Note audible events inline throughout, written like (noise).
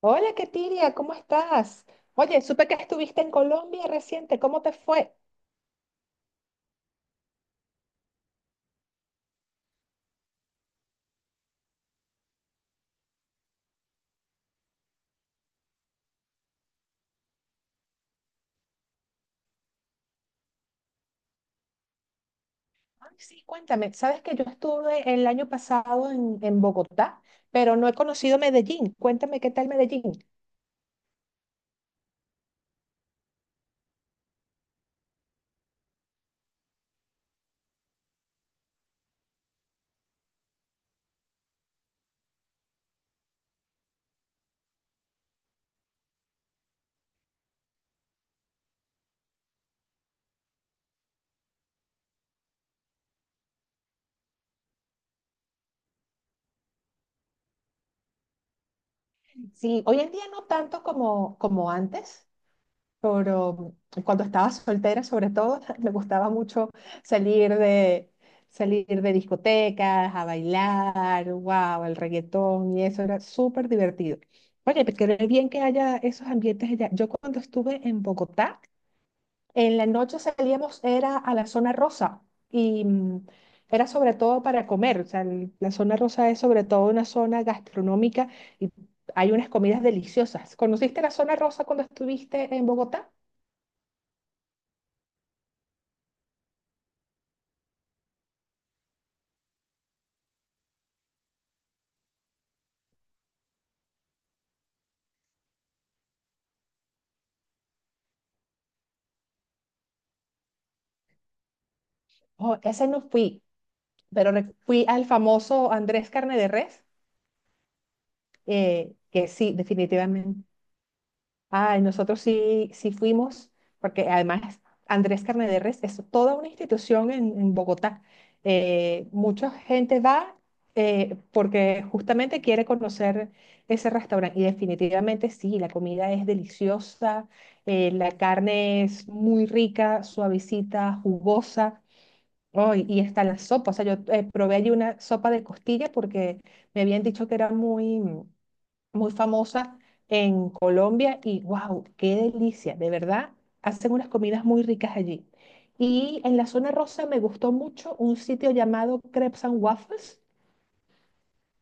Hola, Ketiria, ¿cómo estás? Oye, supe que estuviste en Colombia reciente, ¿cómo te fue? Ay, sí, cuéntame, sabes que yo estuve el año pasado en Bogotá, pero no he conocido Medellín. Cuéntame qué tal Medellín. Sí, hoy en día no tanto como antes, pero cuando estaba soltera, sobre todo, (laughs) me gustaba mucho salir de, salir de discotecas, a bailar, wow, el reggaetón y eso era súper divertido. Oye, pues qué bien que haya esos ambientes allá. Yo cuando estuve en Bogotá, en la noche salíamos, era a la zona rosa y era sobre todo para comer. O sea, la zona rosa es sobre todo una zona gastronómica y hay unas comidas deliciosas. ¿Conociste la zona rosa cuando estuviste en Bogotá? Oh, ese no fui, pero fui al famoso Andrés Carne de Res, que sí, definitivamente. Ay, nosotros sí, sí fuimos, porque además Andrés Carne de Res es toda una institución en Bogotá. Mucha gente va porque justamente quiere conocer ese restaurante y definitivamente sí, la comida es deliciosa, la carne es muy rica, suavecita, jugosa. Oh, y está la sopa. O sea, yo probé allí una sopa de costilla porque me habían dicho que era muy famosa en Colombia y wow, qué delicia. De verdad, hacen unas comidas muy ricas allí. Y en la zona rosa me gustó mucho un sitio llamado Crepes and Waffles,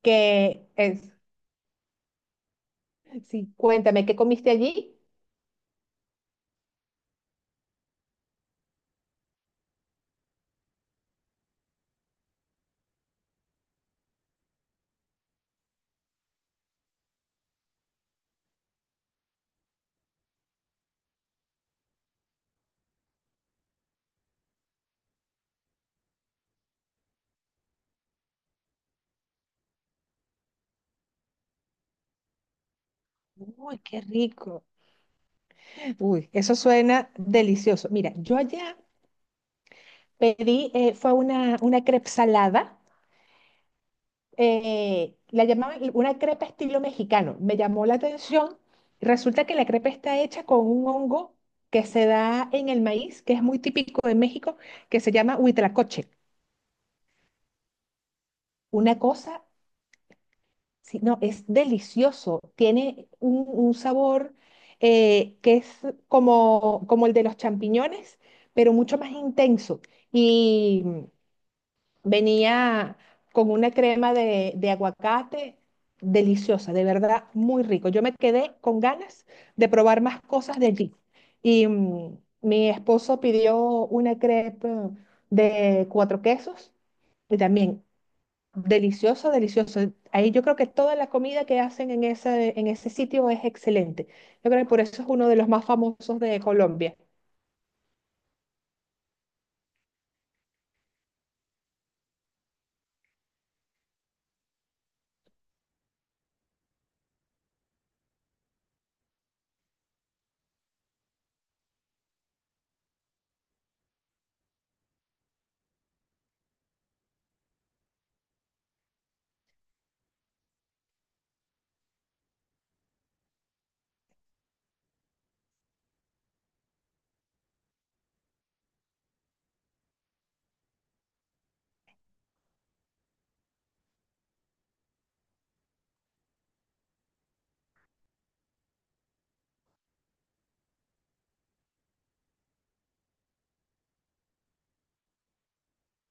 que es, sí, cuéntame, ¿qué comiste allí? Uy, qué rico. Uy, eso suena delicioso. Mira, yo allá pedí, fue una crepe salada la llamaban una crepa estilo mexicano. Me llamó la atención. Resulta que la crepa está hecha con un hongo que se da en el maíz, que es muy típico de México, que se llama huitlacoche. Una cosa, sí, no, es delicioso. Tiene un sabor que es como el de los champiñones, pero mucho más intenso. y Venía con una crema de aguacate deliciosa, de verdad, muy rico. Yo me quedé con ganas de probar más cosas de allí. Y mi esposo pidió una crepe de cuatro quesos y también delicioso, delicioso. Ahí yo creo que toda la comida que hacen en ese sitio es excelente. Yo creo que por eso es uno de los más famosos de Colombia.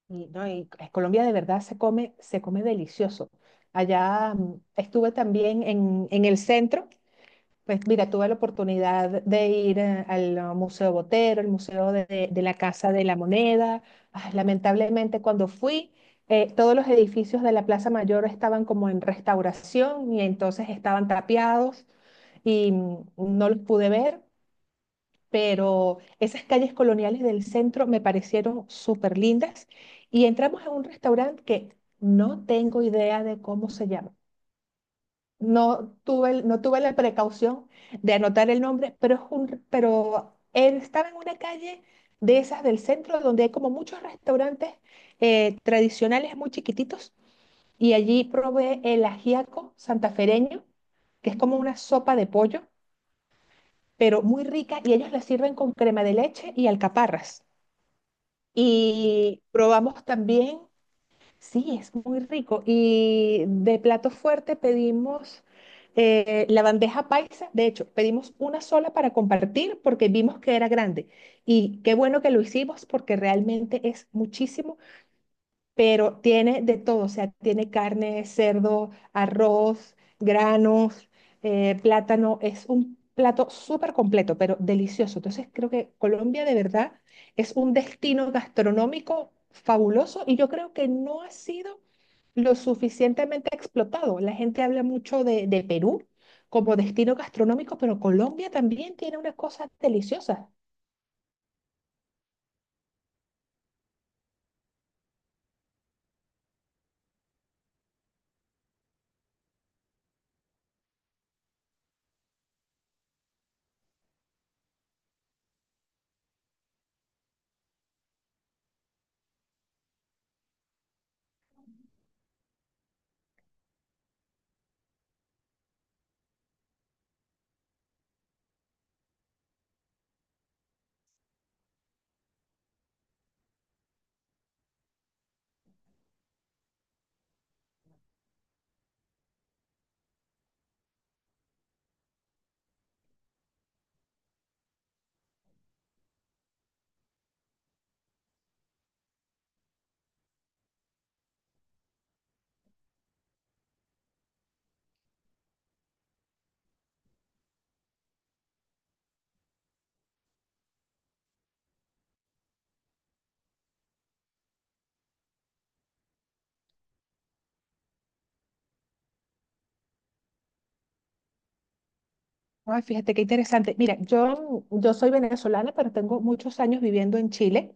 Y, no, y en Colombia de verdad se come delicioso. Allá estuve también en el centro, pues mira, tuve la oportunidad de ir al Museo Botero, el Museo de la Casa de la Moneda. Ah, lamentablemente cuando fui, todos los edificios de la Plaza Mayor estaban como en restauración y entonces estaban tapiados y no los pude ver, pero esas calles coloniales del centro me parecieron súper lindas y entramos a un restaurante que no tengo idea de cómo se llama. No tuve la precaución de anotar el nombre, pero, pero él estaba en una calle de esas del centro donde hay como muchos restaurantes tradicionales muy chiquititos y allí probé el ajiaco santafereño, que es como una sopa de pollo, pero muy rica y ellos la sirven con crema de leche y alcaparras. Y probamos también, sí, es muy rico. Y de plato fuerte pedimos la bandeja paisa. De hecho, pedimos una sola para compartir porque vimos que era grande. Y qué bueno que lo hicimos porque realmente es muchísimo, pero tiene de todo, o sea, tiene carne, cerdo, arroz, granos, plátano, es un plato súper completo, pero delicioso. Entonces creo que Colombia de verdad es un destino gastronómico fabuloso y yo creo que no ha sido lo suficientemente explotado. La gente habla mucho de Perú como destino gastronómico, pero Colombia también tiene unas cosas deliciosas. Ay, fíjate qué interesante. Mira, yo soy venezolana, pero tengo muchos años viviendo en Chile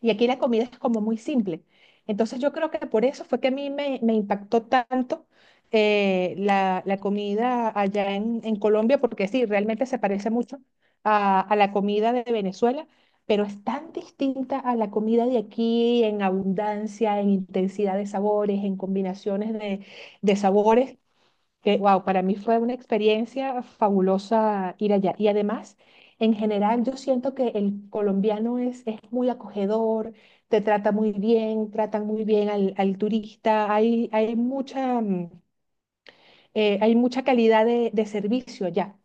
y aquí la comida es como muy simple. Entonces yo creo que por eso fue que a me impactó tanto la comida allá en Colombia, porque sí, realmente se parece mucho a la comida de Venezuela, pero es tan distinta a la comida de aquí en abundancia, en intensidad de sabores, en combinaciones de sabores que, wow, para mí fue una experiencia fabulosa ir allá. Y además, en general, yo siento que el colombiano es muy acogedor, te trata muy bien, tratan muy bien al turista, hay mucha, hay mucha calidad de servicio allá.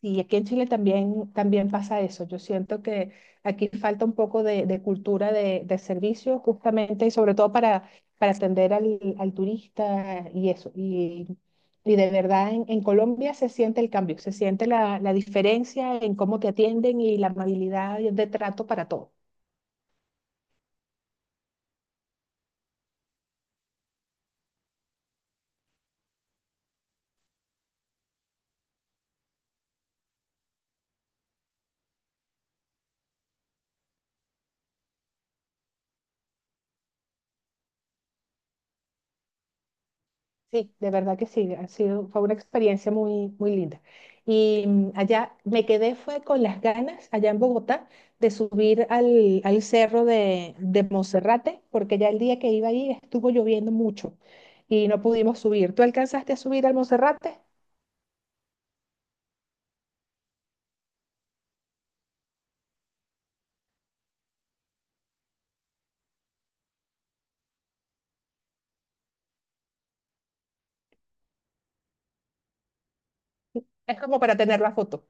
Sí, aquí en Chile también, también pasa eso. Yo siento que aquí falta un poco de cultura de servicio, justamente, y sobre todo para atender al turista y eso. Y de verdad, en Colombia se siente el cambio, se siente la diferencia en cómo te atienden y la amabilidad de trato para todos. Sí, de verdad que sí, ha sido, fue una experiencia muy, muy linda. Y allá me quedé, fue con las ganas, allá en Bogotá, de subir al cerro de Monserrate, porque ya el día que iba ahí estuvo lloviendo mucho y no pudimos subir. ¿Tú alcanzaste a subir al Monserrate? Es como para tener la foto.